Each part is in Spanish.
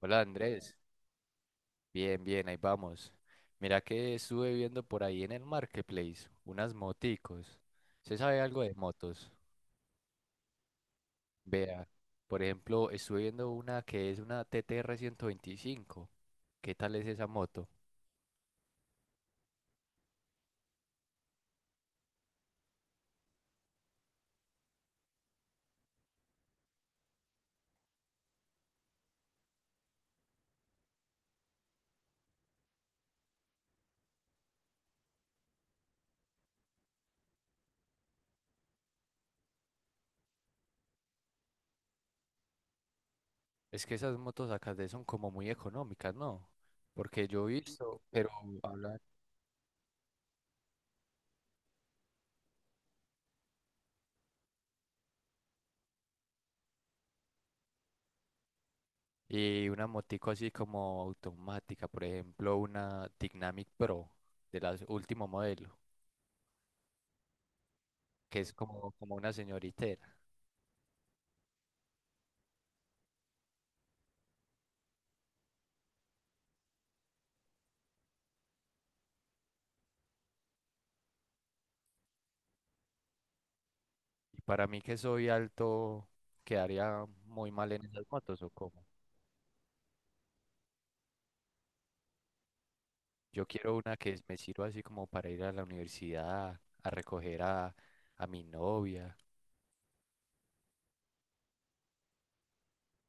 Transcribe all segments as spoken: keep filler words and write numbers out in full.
Hola Andrés, bien, bien, ahí vamos. Mira que estuve viendo por ahí en el marketplace unas moticos. ¿Se sabe algo de motos? Vea, por ejemplo, estuve viendo una que es una T T R ciento veinticinco. ¿Qué tal es esa moto? Es que esas motos acá de son como muy económicas, ¿no? Porque yo he visto, pero hablan- y una motico así como automática, por ejemplo, una Dynamic Pro de la último modelo, que es como, como una señorita. Y para mí que soy alto, quedaría muy mal en esas motos o cómo. Yo quiero una que me sirva así como para ir a la universidad, a recoger a, a mi novia.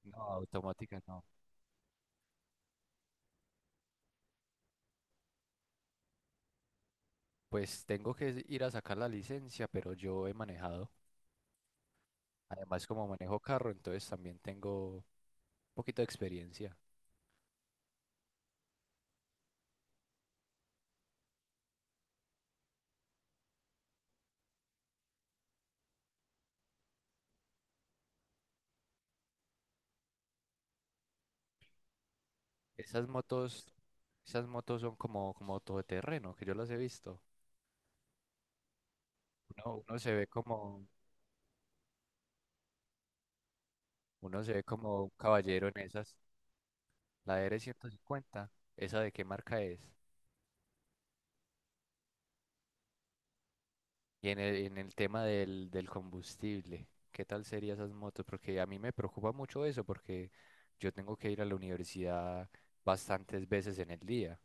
No, automática no. Pues tengo que ir a sacar la licencia, pero yo he manejado. Además, como manejo carro, entonces también tengo un poquito de experiencia. Esas motos, esas motos son como, como todoterreno, que yo las he visto. Uno, uno se ve como, uno se ve como un caballero en esas. La D R ciento cincuenta, ¿esa de qué marca es? Y en el, en el tema del, del combustible, ¿qué tal serían esas motos? Porque a mí me preocupa mucho eso, porque yo tengo que ir a la universidad bastantes veces en el día.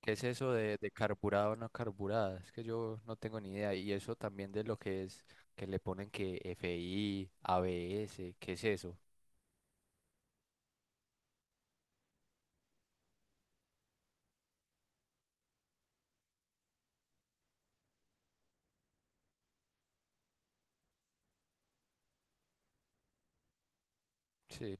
¿Qué es eso de, de carburado o no carburada? Es que yo no tengo ni idea. Y eso también de lo que es, que le ponen que F I, A B S, ¿qué es eso? Sí.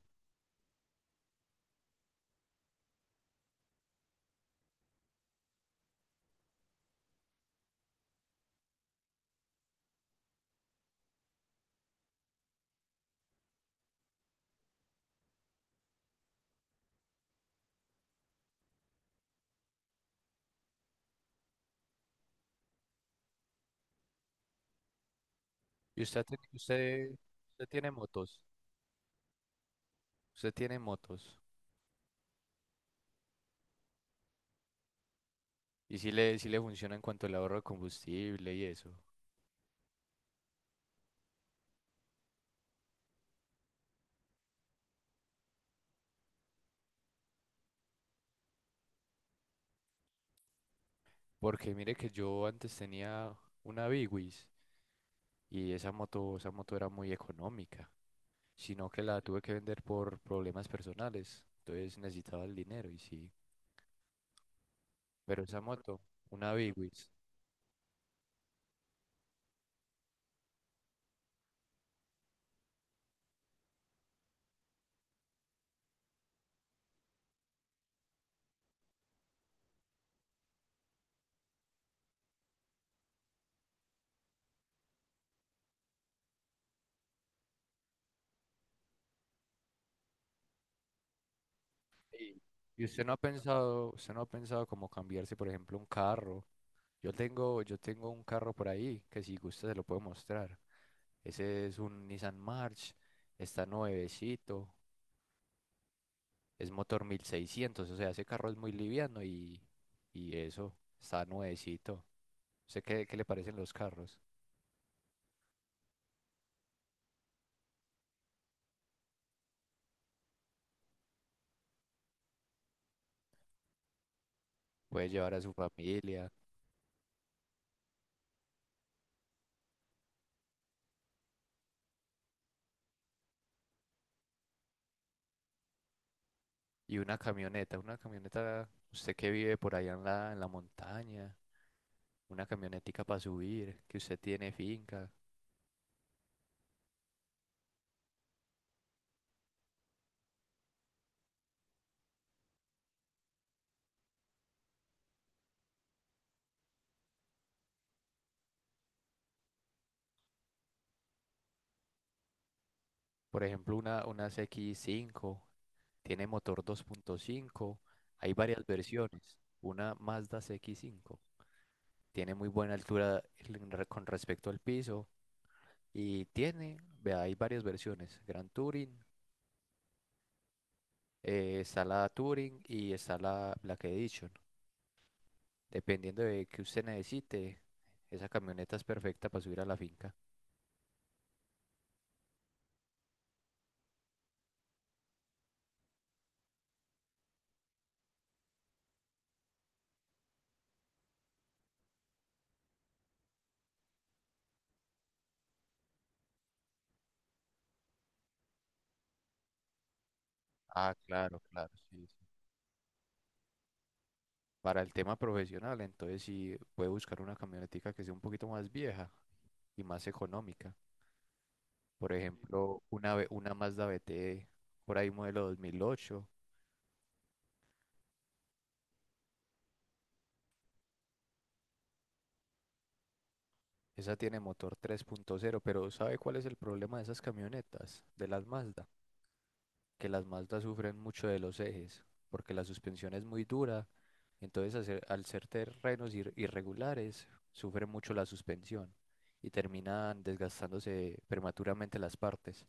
¿Y usted, tiene- usted, usted tiene motos? ¿Usted tiene motos? Y sí le, sí le funciona en cuanto al ahorro de combustible y eso. Porque mire que yo antes tenía una Big Wiz y esa moto, esa moto era muy económica, sino que la tuve que vender por problemas personales. Entonces necesitaba el dinero y sí. Pero esa moto, una Bigwis. ¿Y y usted no ha pensado, usted no ha pensado como cambiarse, por ejemplo, un carro? Yo tengo, yo tengo un carro por ahí que si gusta se lo puedo mostrar. Ese es un Nissan March, está nuevecito, es motor mil seiscientos, o sea, ese carro es muy liviano y, y eso, está nuevecito. ¿Sé qué, qué le parecen los carros? Puede llevar a su familia y una camioneta, una camioneta, usted que vive por allá en la, en la montaña, una camionetica para subir, que usted tiene finca, por ejemplo, una, una C x cinco, tiene motor dos punto cinco, hay varias versiones, una Mazda C x cinco, tiene muy buena altura en re- con respecto al piso. Y tiene, vea, hay varias versiones, Grand Touring, eh, está la Touring y está la Black Edition. Dependiendo de que usted necesite, esa camioneta es perfecta para subir a la finca. Ah, claro, claro, sí, sí. Para el tema profesional, entonces sí puede buscar una camionetica que sea un poquito más vieja y más económica. Por ejemplo, una, ve- una Mazda B T, por ahí modelo dos mil ocho. Esa tiene motor tres punto cero, pero ¿sabe cuál es el problema de esas camionetas, de las Mazda? Que las Mazdas sufren mucho de los ejes, porque la suspensión es muy dura, entonces al ser, al ser terrenos ir- irregulares, sufre mucho la suspensión y terminan desgastándose prematuramente las partes.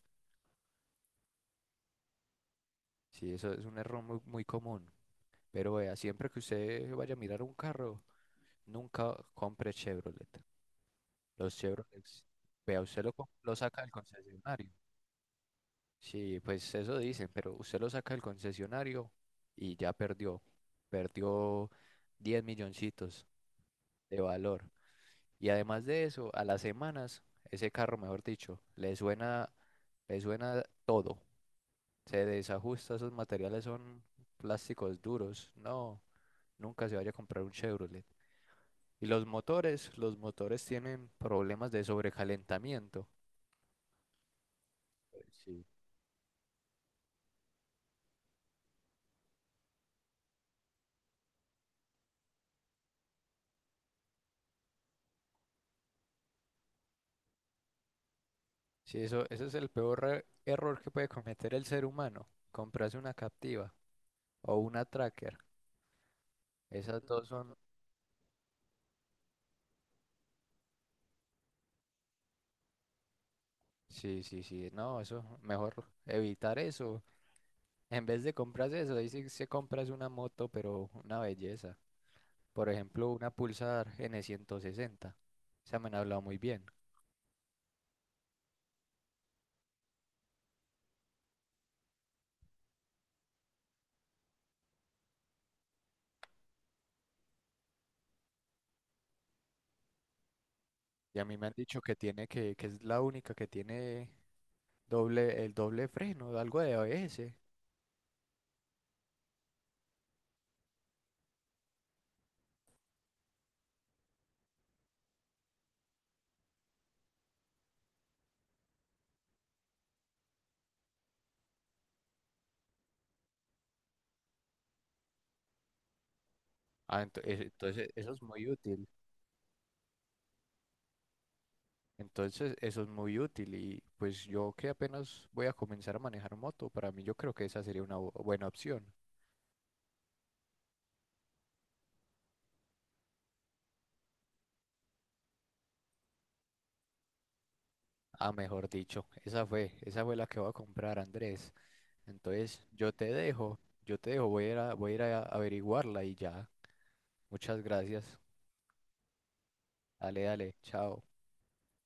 Sí, eso es un error muy, muy común, pero vea, siempre que usted vaya a mirar un carro, nunca compre Chevrolet. Los Chevrolet, vea, usted lo, com- lo saca del concesionario. Sí, pues eso dicen, pero usted lo saca del concesionario y ya perdió. Perdió diez milloncitos de valor. Y además de eso, a las semanas, ese carro, mejor dicho, le suena, le suena todo. Se desajusta, esos materiales son plásticos duros. No, nunca se vaya a comprar un Chevrolet. Y los motores, los motores tienen problemas de sobrecalentamiento. Sí. Sí, eso, ese es el peor re- error que puede cometer el ser humano. Comprarse una captiva o una tracker. Esas dos son... Sí, sí, sí. No, eso, mejor evitar eso. En vez de comprarse eso, ahí sí se compras una moto, pero una belleza. Por ejemplo, una Pulsar N ciento sesenta. Esa me han hablado muy bien. Y a mí me han dicho que tiene que, que es la única que tiene doble, el doble freno, algo de A B S. Ah, ento- eh, entonces eso es muy útil. Entonces, eso es muy útil y pues yo que apenas voy a comenzar a manejar moto, para mí yo creo que esa sería una bu- buena opción. Ah, mejor dicho, esa fue, esa fue la que voy a comprar, Andrés. Entonces, yo te dejo, yo te dejo, voy a ir a, voy a ir a averiguarla y ya. Muchas gracias. Dale, dale, chao.